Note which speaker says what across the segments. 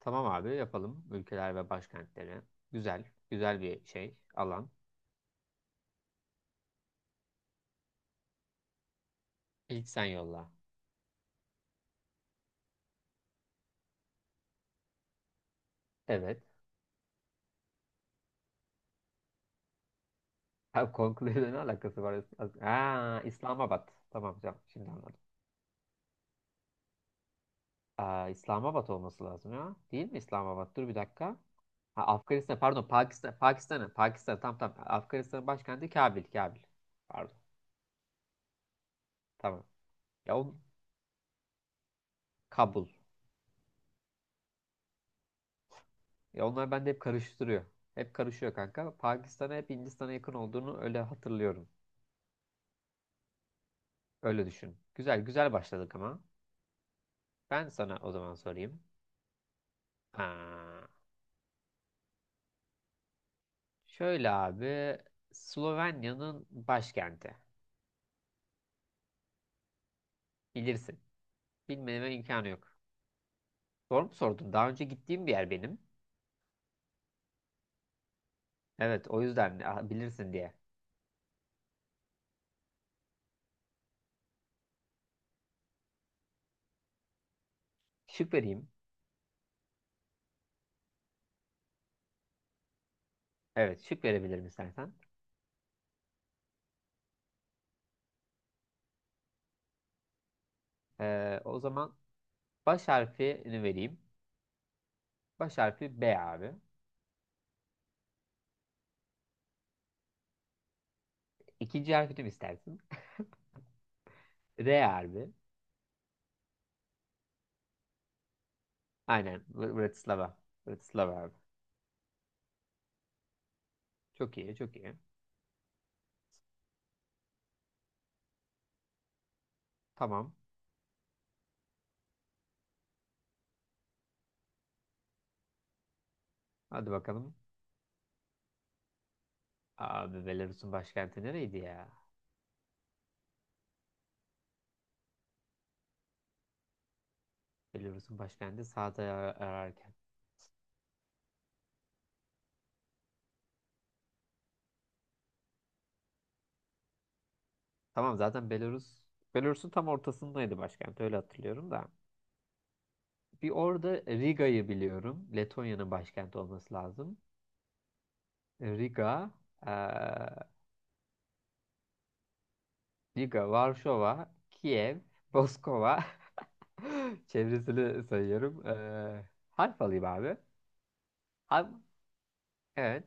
Speaker 1: Tamam abi yapalım. Ülkeler ve başkentleri. Güzel. Güzel bir şey. Alan. İlk sen yolla. Evet. Abi Conclave'le ne alakası var? Ha, İslamabad. Tamam tamam. Şimdi anladım. Aa, İslamabad olması lazım ya. Değil mi İslamabad? Dur bir dakika. Ha, Afganistan pardon Pakistan, Pakistan'ın tam tam Afganistan'ın başkenti Kabil. Kabil. Pardon. Tamam. Ya o Kabul. Ya onlar bende hep karıştırıyor. Hep karışıyor kanka. Pakistan'a hep Hindistan'a yakın olduğunu öyle hatırlıyorum. Öyle düşün. Güzel güzel başladık ama. Ben sana o zaman sorayım. Aa, şöyle abi. Slovenya'nın başkenti. Bilirsin. Bilmeme imkanı yok. Doğru mu sordun? Daha önce gittiğim bir yer benim. Evet o yüzden bilirsin diye. Şık vereyim. Evet şık verebilirim istersen. O zaman baş harfini vereyim. Baş harfi B abi. İkinci harfini mi istersin? R abi. Aynen. Bratislava. Bratislava abi. Çok iyi çok iyi. Tamam. Hadi bakalım. Abi Belarus'un başkenti nereydi ya? Belarus'un başkenti sağda ararken. Tamam zaten Belarus'un tam ortasındaydı başkent, öyle hatırlıyorum da. Bir orada Riga'yı biliyorum. Letonya'nın başkenti olması lazım. Riga, eee, Riga, Varşova, Kiev, Moskova. Çevresini sayıyorum. Harf alayım abi. Har- evet.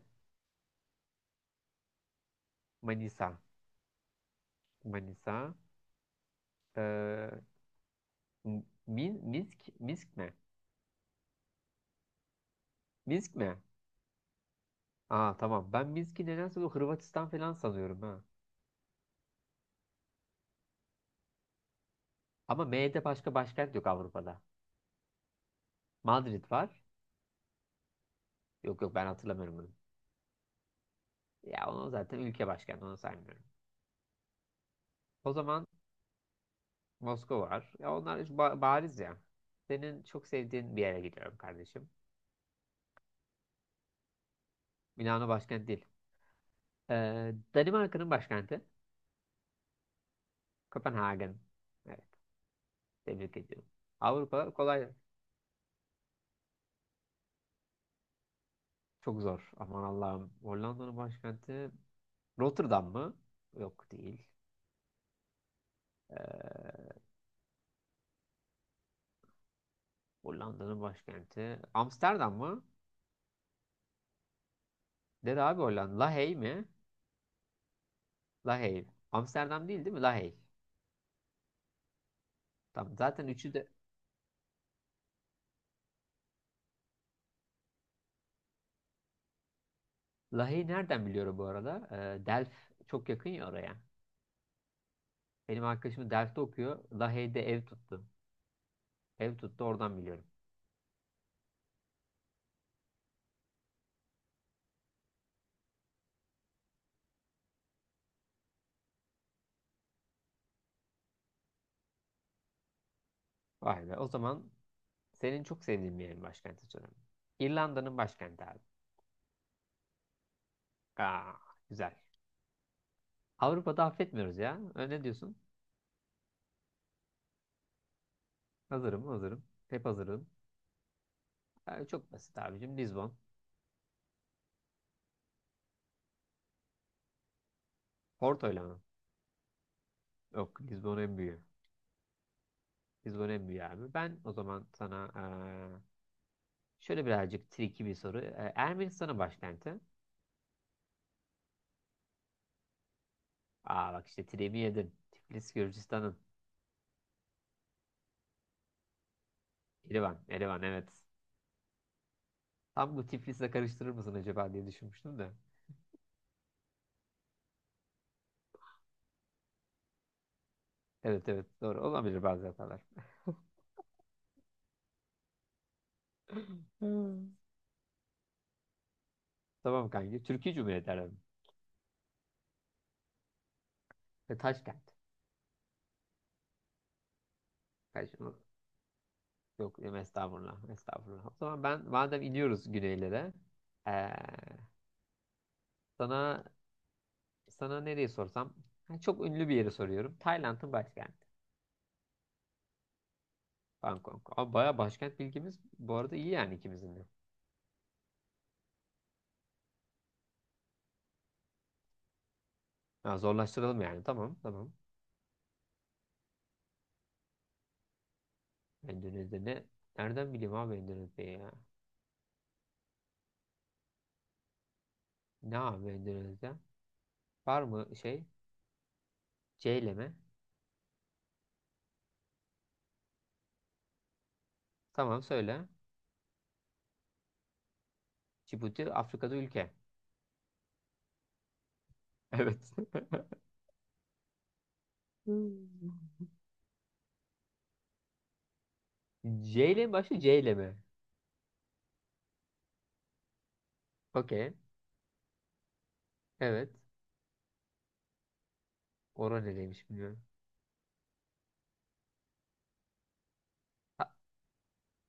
Speaker 1: Manisa. Manisa. Eee, Minsk mi? Minsk mi? Aa tamam. Ben Minsk'i nedense bu Hırvatistan falan sanıyorum ha. Ama M'de başka başkent yok Avrupa'da. Madrid var. Yok yok ben hatırlamıyorum bunu. Ya onu zaten ülke başkenti, onu saymıyorum. O zaman Moskova var. Ya onlar hiç bariz ya. Senin çok sevdiğin bir yere gidiyorum kardeşim. Milano başkent değil. Danimarka'nın başkenti Kopenhagen. Evet, tebrik ediyorum. Avrupa kolay, çok zor. Aman Allah'ım. Hollanda'nın başkenti Rotterdam mı? Yok, değil. Ee, Hollanda'nın başkenti. Amsterdam mı? Dedi abi Hollanda. Lahey mi? Lahey. Amsterdam değil değil mi? Lahey. Tamam. Zaten üçü de... Lahey'i nereden biliyorum bu arada? Delft çok yakın ya oraya. Benim arkadaşım Delft'te okuyor. Lahey'de ev tuttu. Ev tuttu, oradan biliyorum. Vay be. O zaman senin çok sevdiğin bir yerin başkenti sorayım. İrlanda'nın başkenti abi. Aa, güzel. Avrupa'da affetmiyoruz ya. Ne diyorsun? Hazırım, hazırım. Hep hazırım. Çok basit abicim. Lisbon. Porto'yla mı? Yok, Lisbon en büyüğü. Lisbon en büyüğü abi. Ben o zaman sana şöyle birazcık tricky bir soru. Ermenistan'ın başkenti. Aa bak işte Tiremi yedin. Tiflis Gürcistan'ın. Erivan. Erivan evet. Tam bu Tiflis'le karıştırır mısın acaba diye düşünmüştüm de. Evet evet doğru. Olabilir bazı hatalar. Hmm. Tamam kanki. Türkiye Cumhuriyeti aradım. Ve Taşkent. Taş Yok estağfurullah. Estağfurullah. O zaman ben madem iniyoruz güneylere. eee, sana Sana nereyi sorsam? Ha, çok ünlü bir yeri soruyorum. Tayland'ın başkenti. Bangkok. Abi baya başkent bilgimiz bu arada iyi yani ikimizin de. Ha, zorlaştıralım yani. Tamam tamam. Endonezya ne? Nereden bileyim abi Endonezya'yı ya? Ne abi Endonezya? Var mı şey? C ile mi? Tamam söyle. Cibuti Afrika'da ülke. Evet. Hmm. C ile mi başlıyor? C ile mi? Okey. Evet. Ora nereymiş bilmiyorum. Ha,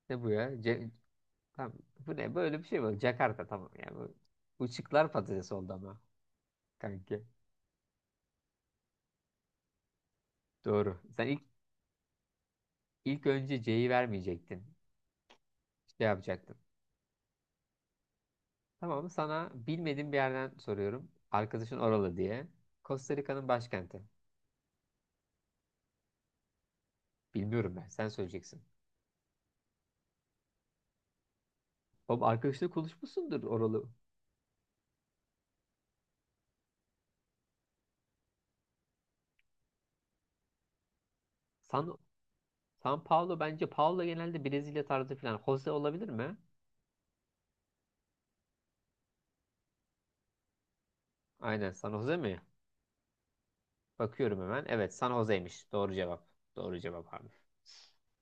Speaker 1: ne bu ya? Tamam. Bu ne? Böyle bir şey mi? Jakarta, tamam yani. Bu, bu şıklar patates oldu ama kanki. Doğru. Sen ilk önce C'yi vermeyecektin. Şey yapacaktın. Tamam sana bilmediğim bir yerden soruyorum. Arkadaşın oralı diye. Costa Rica'nın başkenti. Bilmiyorum ben. Sen söyleyeceksin. Oğlum arkadaşla konuşmuşsundur oralı. San, San Paulo bence. Paulo genelde Brezilya tarzı falan. Jose olabilir mi? Aynen. San Jose mi? Bakıyorum hemen. Evet, San Jose'ymiş. Doğru cevap. Doğru cevap abi.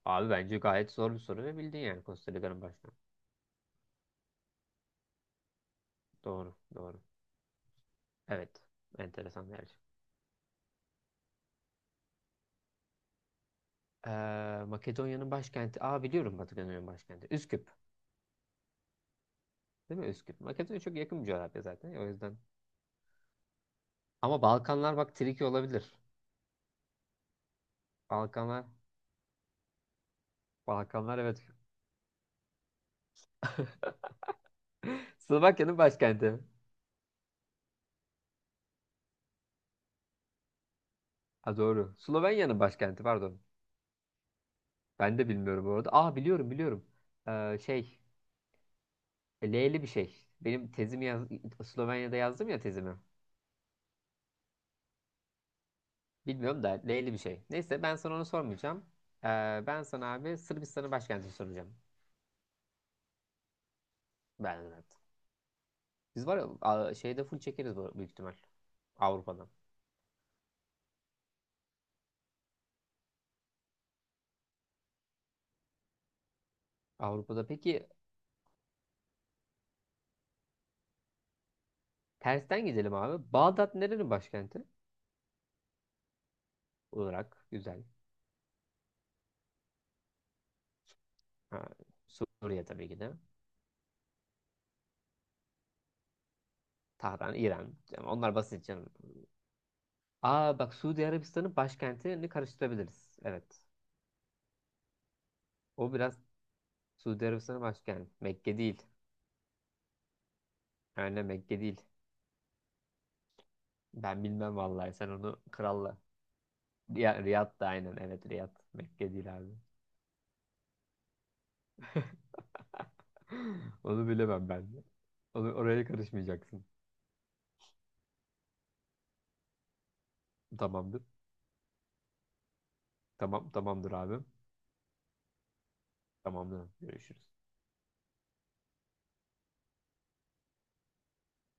Speaker 1: Abi bence gayet zor bir soru ve bildin yani Costa Rica'nın başına. Doğru, doğru. Evet, enteresan bir yer. Makedonya'nın başkenti. Aa biliyorum, Makedonya'nın başkenti. Üsküp. Değil mi Üsküp? Makedonya çok yakın bir coğrafya zaten. O yüzden. Ama Balkanlar bak tricky olabilir. Balkanlar. Balkanlar evet. Slovakya'nın başkenti. Ha doğru. Slovenya'nın başkenti pardon. Ben de bilmiyorum bu arada. Aa biliyorum biliyorum. Ee, şey. L'li bir şey. Benim tezimi yaz Slovenya'da yazdım ya tezimi. Bilmiyorum da L'li bir şey. Neyse ben sana onu sormayacağım. Ee, Ben sana abi Sırbistan'ın başkentini soracağım. Belgrad. Biz var ya şeyde full çekeriz büyük ihtimal. Avrupa'dan. Avrupa'da peki tersten gidelim abi. Bağdat nerenin başkenti? Olarak Güzel. Ha, Suriye tabii ki de. Tahran, İran. Yani onlar basit canım. Aa bak Suudi Arabistan'ın başkentini karıştırabiliriz. Evet. O biraz Suudi Arabistan'ın başkenti. Mekke değil. Aynen Mekke değil. Ben bilmem vallahi. Sen onu kralla. Ya, Riyad da aynen. Evet Riyad. Mekke değil abi. Onu bilemem ben de. Onu, oraya karışmayacaksın. Tamamdır. Tamam, tamamdır abi. Tamamdır. Görüşürüz.